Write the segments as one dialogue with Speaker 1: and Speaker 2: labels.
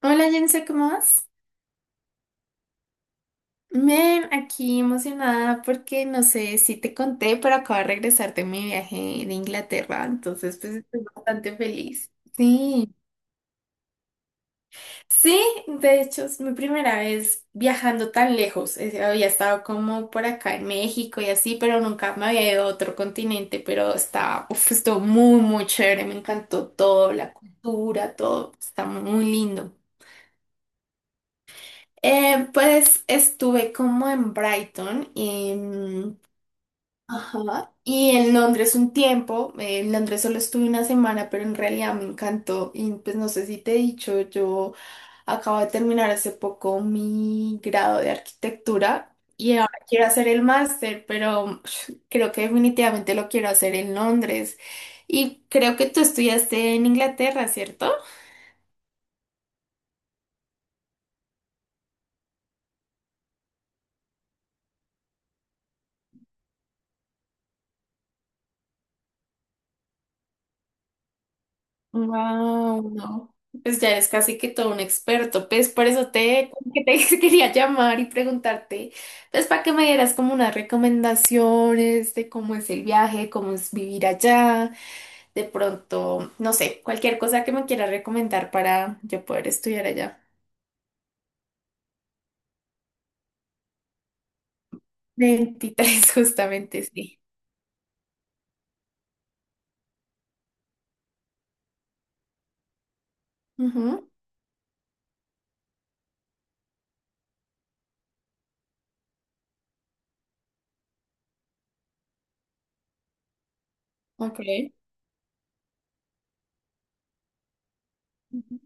Speaker 1: Hola Jense, ¿cómo vas? Bien, aquí emocionada porque no sé si te conté, pero acabo de regresar de mi viaje de Inglaterra, entonces pues estoy bastante feliz. Sí, sí, de hecho es mi primera vez viajando tan lejos. Había estado como por acá en México y así, pero nunca me había ido a otro continente, pero está, uf, estuvo muy chévere, me encantó todo, la cultura, todo, está muy lindo. Pues estuve como en Brighton y, ajá, y en Londres un tiempo. En Londres solo estuve una semana, pero en realidad me encantó. Y pues no sé si te he dicho, yo acabo de terminar hace poco mi grado de arquitectura. Quiero hacer el máster, pero creo que definitivamente lo quiero hacer en Londres. Y creo que tú estudiaste en Inglaterra, ¿cierto? Wow, no. Pues ya eres casi que todo un experto. Pues por eso que te quería llamar y preguntarte, pues para que me dieras como unas recomendaciones de cómo es el viaje, cómo es vivir allá, de pronto, no sé, cualquier cosa que me quieras recomendar para yo poder estudiar allá. Veintitrés, justamente, sí. Ujú, ok. Ujú.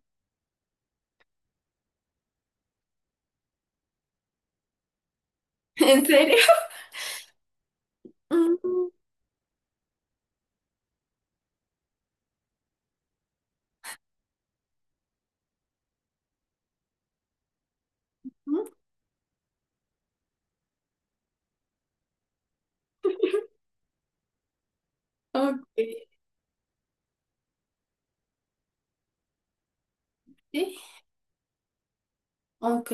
Speaker 1: ¿En serio? Ujú, ujú, ok, sí. Ok.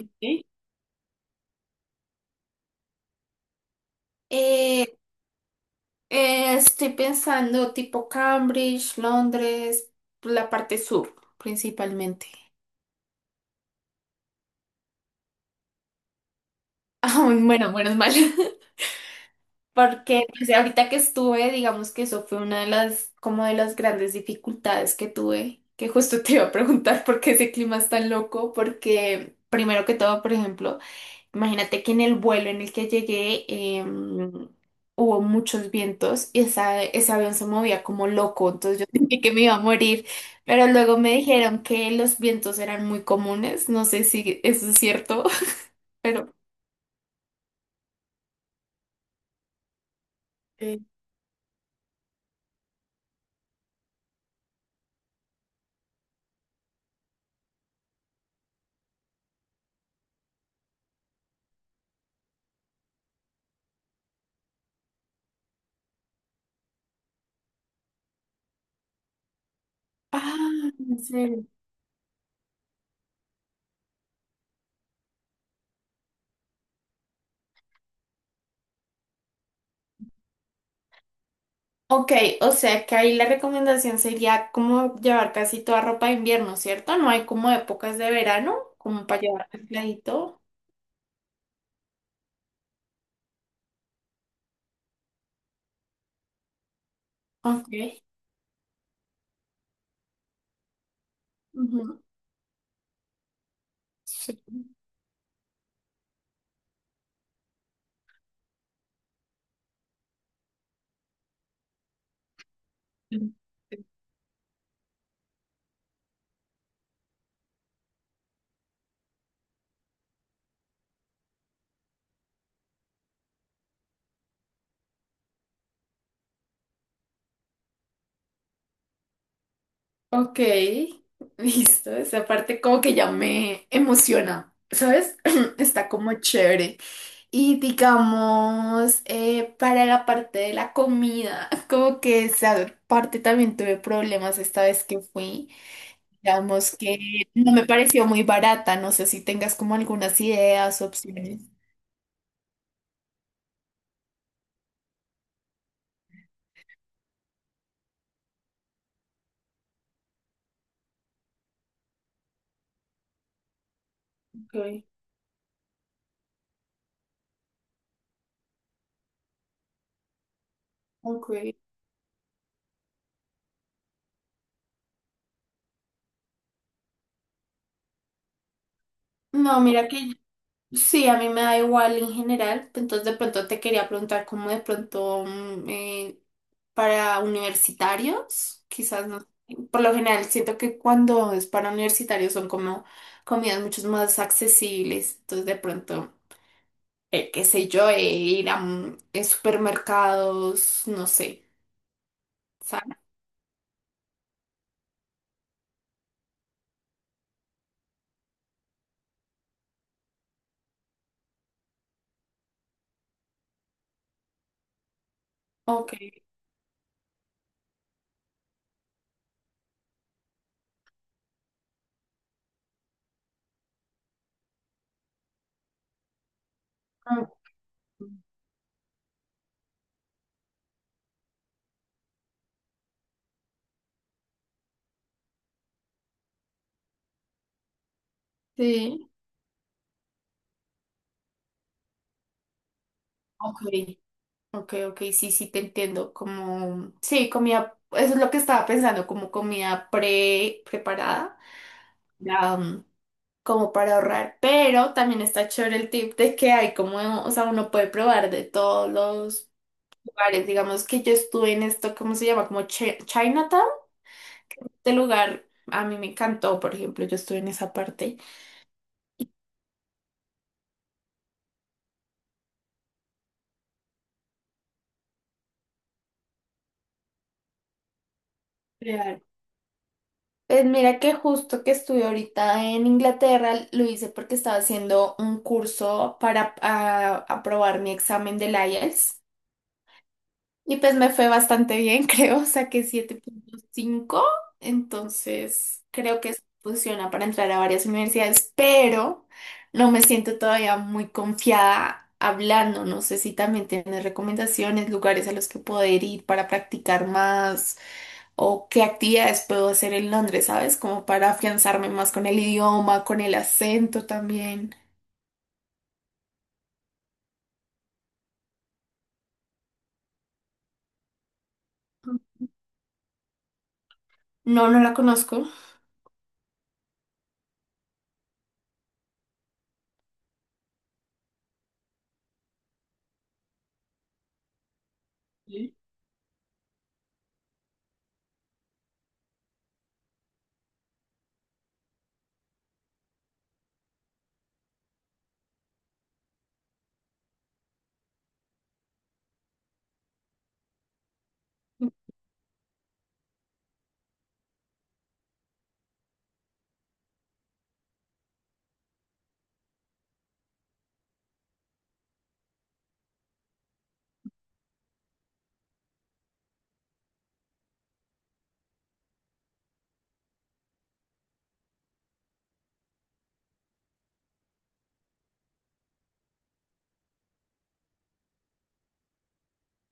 Speaker 1: Eh, Estoy pensando tipo Cambridge, Londres, la parte sur principalmente. Ah, bueno, menos mal. Porque pues, ahorita que estuve, digamos que eso fue una de las, como de las grandes dificultades que tuve, que justo te iba a preguntar por qué ese clima es tan loco, porque primero que todo, por ejemplo, imagínate que en el vuelo en el que llegué hubo muchos vientos y ese avión se movía como loco, entonces yo sentí que me iba a morir, pero luego me dijeron que los vientos eran muy comunes, no sé si eso es cierto, pero eh, ah, en serio. Ok, o sea que ahí la recomendación sería como llevar casi toda ropa de invierno, ¿cierto? No hay como épocas de verano, como para llevar aisladito. Ok. Ujú. Sí. Ok, listo. Esa parte como que ya me emociona, ¿sabes? Está como chévere. Y digamos, para la parte de la comida, como que esa parte también tuve problemas esta vez que fui. Digamos que no me pareció muy barata. No sé si tengas como algunas ideas, opciones. Ok, ok. No, mira que sí, a mí me da igual en general, entonces de pronto te quería preguntar cómo de pronto para universitarios, quizás no. Por lo general siento que cuando es para universitarios son como comidas mucho más accesibles, entonces de pronto, qué sé yo, ir a supermercados, no sé. ¿Sabes? Ok. Mm. Sí. Ok. Ok, ok, sí, sí, te entiendo. Como, sí, comida, eso es lo que estaba pensando, como comida pre preparada, ya, mm, como para ahorrar. Pero también está chévere el tip de que hay como, o sea, uno puede probar de todos los lugares. Digamos que yo estuve en esto, ¿cómo se llama? Como Chinatown, este lugar a mí me encantó, por ejemplo, yo estuve en esa parte. Pues mira que justo que estuve ahorita en Inglaterra lo hice porque estaba haciendo un curso para aprobar mi examen del IELTS. Y pues me fue bastante bien, creo, saqué 7,5, entonces creo que eso funciona para entrar a varias universidades, pero no me siento todavía muy confiada hablando, no sé si también tienes recomendaciones, lugares a los que poder ir para practicar más o qué actividades puedo hacer en Londres, ¿sabes? Como para afianzarme más con el idioma, con el acento también. No, no la conozco. Sí.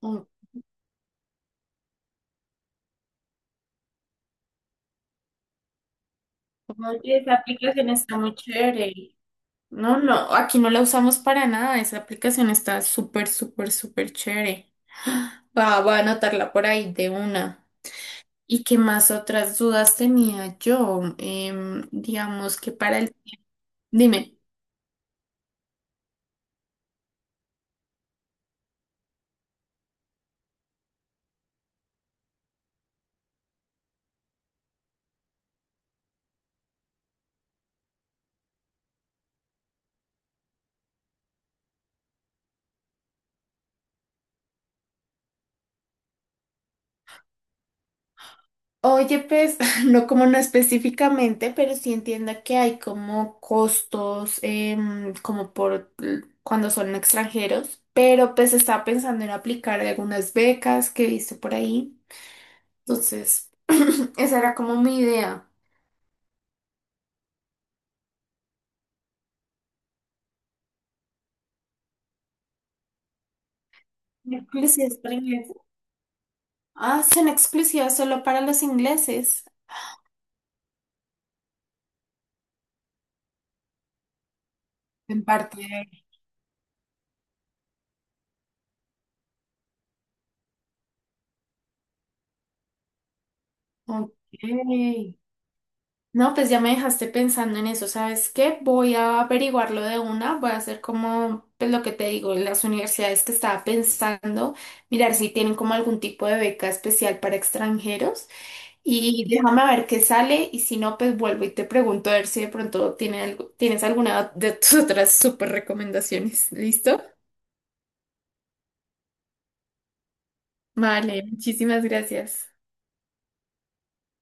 Speaker 1: Mm. Oye, esa aplicación está muy chévere. No, no, aquí no la usamos para nada. Esa aplicación está súper chévere. Va, va a anotarla por ahí de una. ¿Y qué más otras dudas tenía yo? Digamos que para el... Dime. Oye, pues, no como no específicamente, pero sí entiendo que hay como costos, como por cuando son extranjeros, pero pues estaba pensando en aplicar algunas becas que he visto por ahí. Entonces, esa era como mi idea. Exclusivas para ingleses. Ah, son exclusivas solo para los ingleses. En parte. Ok. No, pues ya me dejaste pensando en eso. ¿Sabes qué? Voy a averiguarlo de una. Voy a hacer como, pues lo que te digo, las universidades que estaba pensando, mirar si tienen como algún tipo de beca especial para extranjeros. Y déjame a ver qué sale. Y si no, pues vuelvo y te pregunto a ver si de pronto tiene algo- tienes alguna de tus otras súper recomendaciones. ¿Listo? Vale, muchísimas gracias.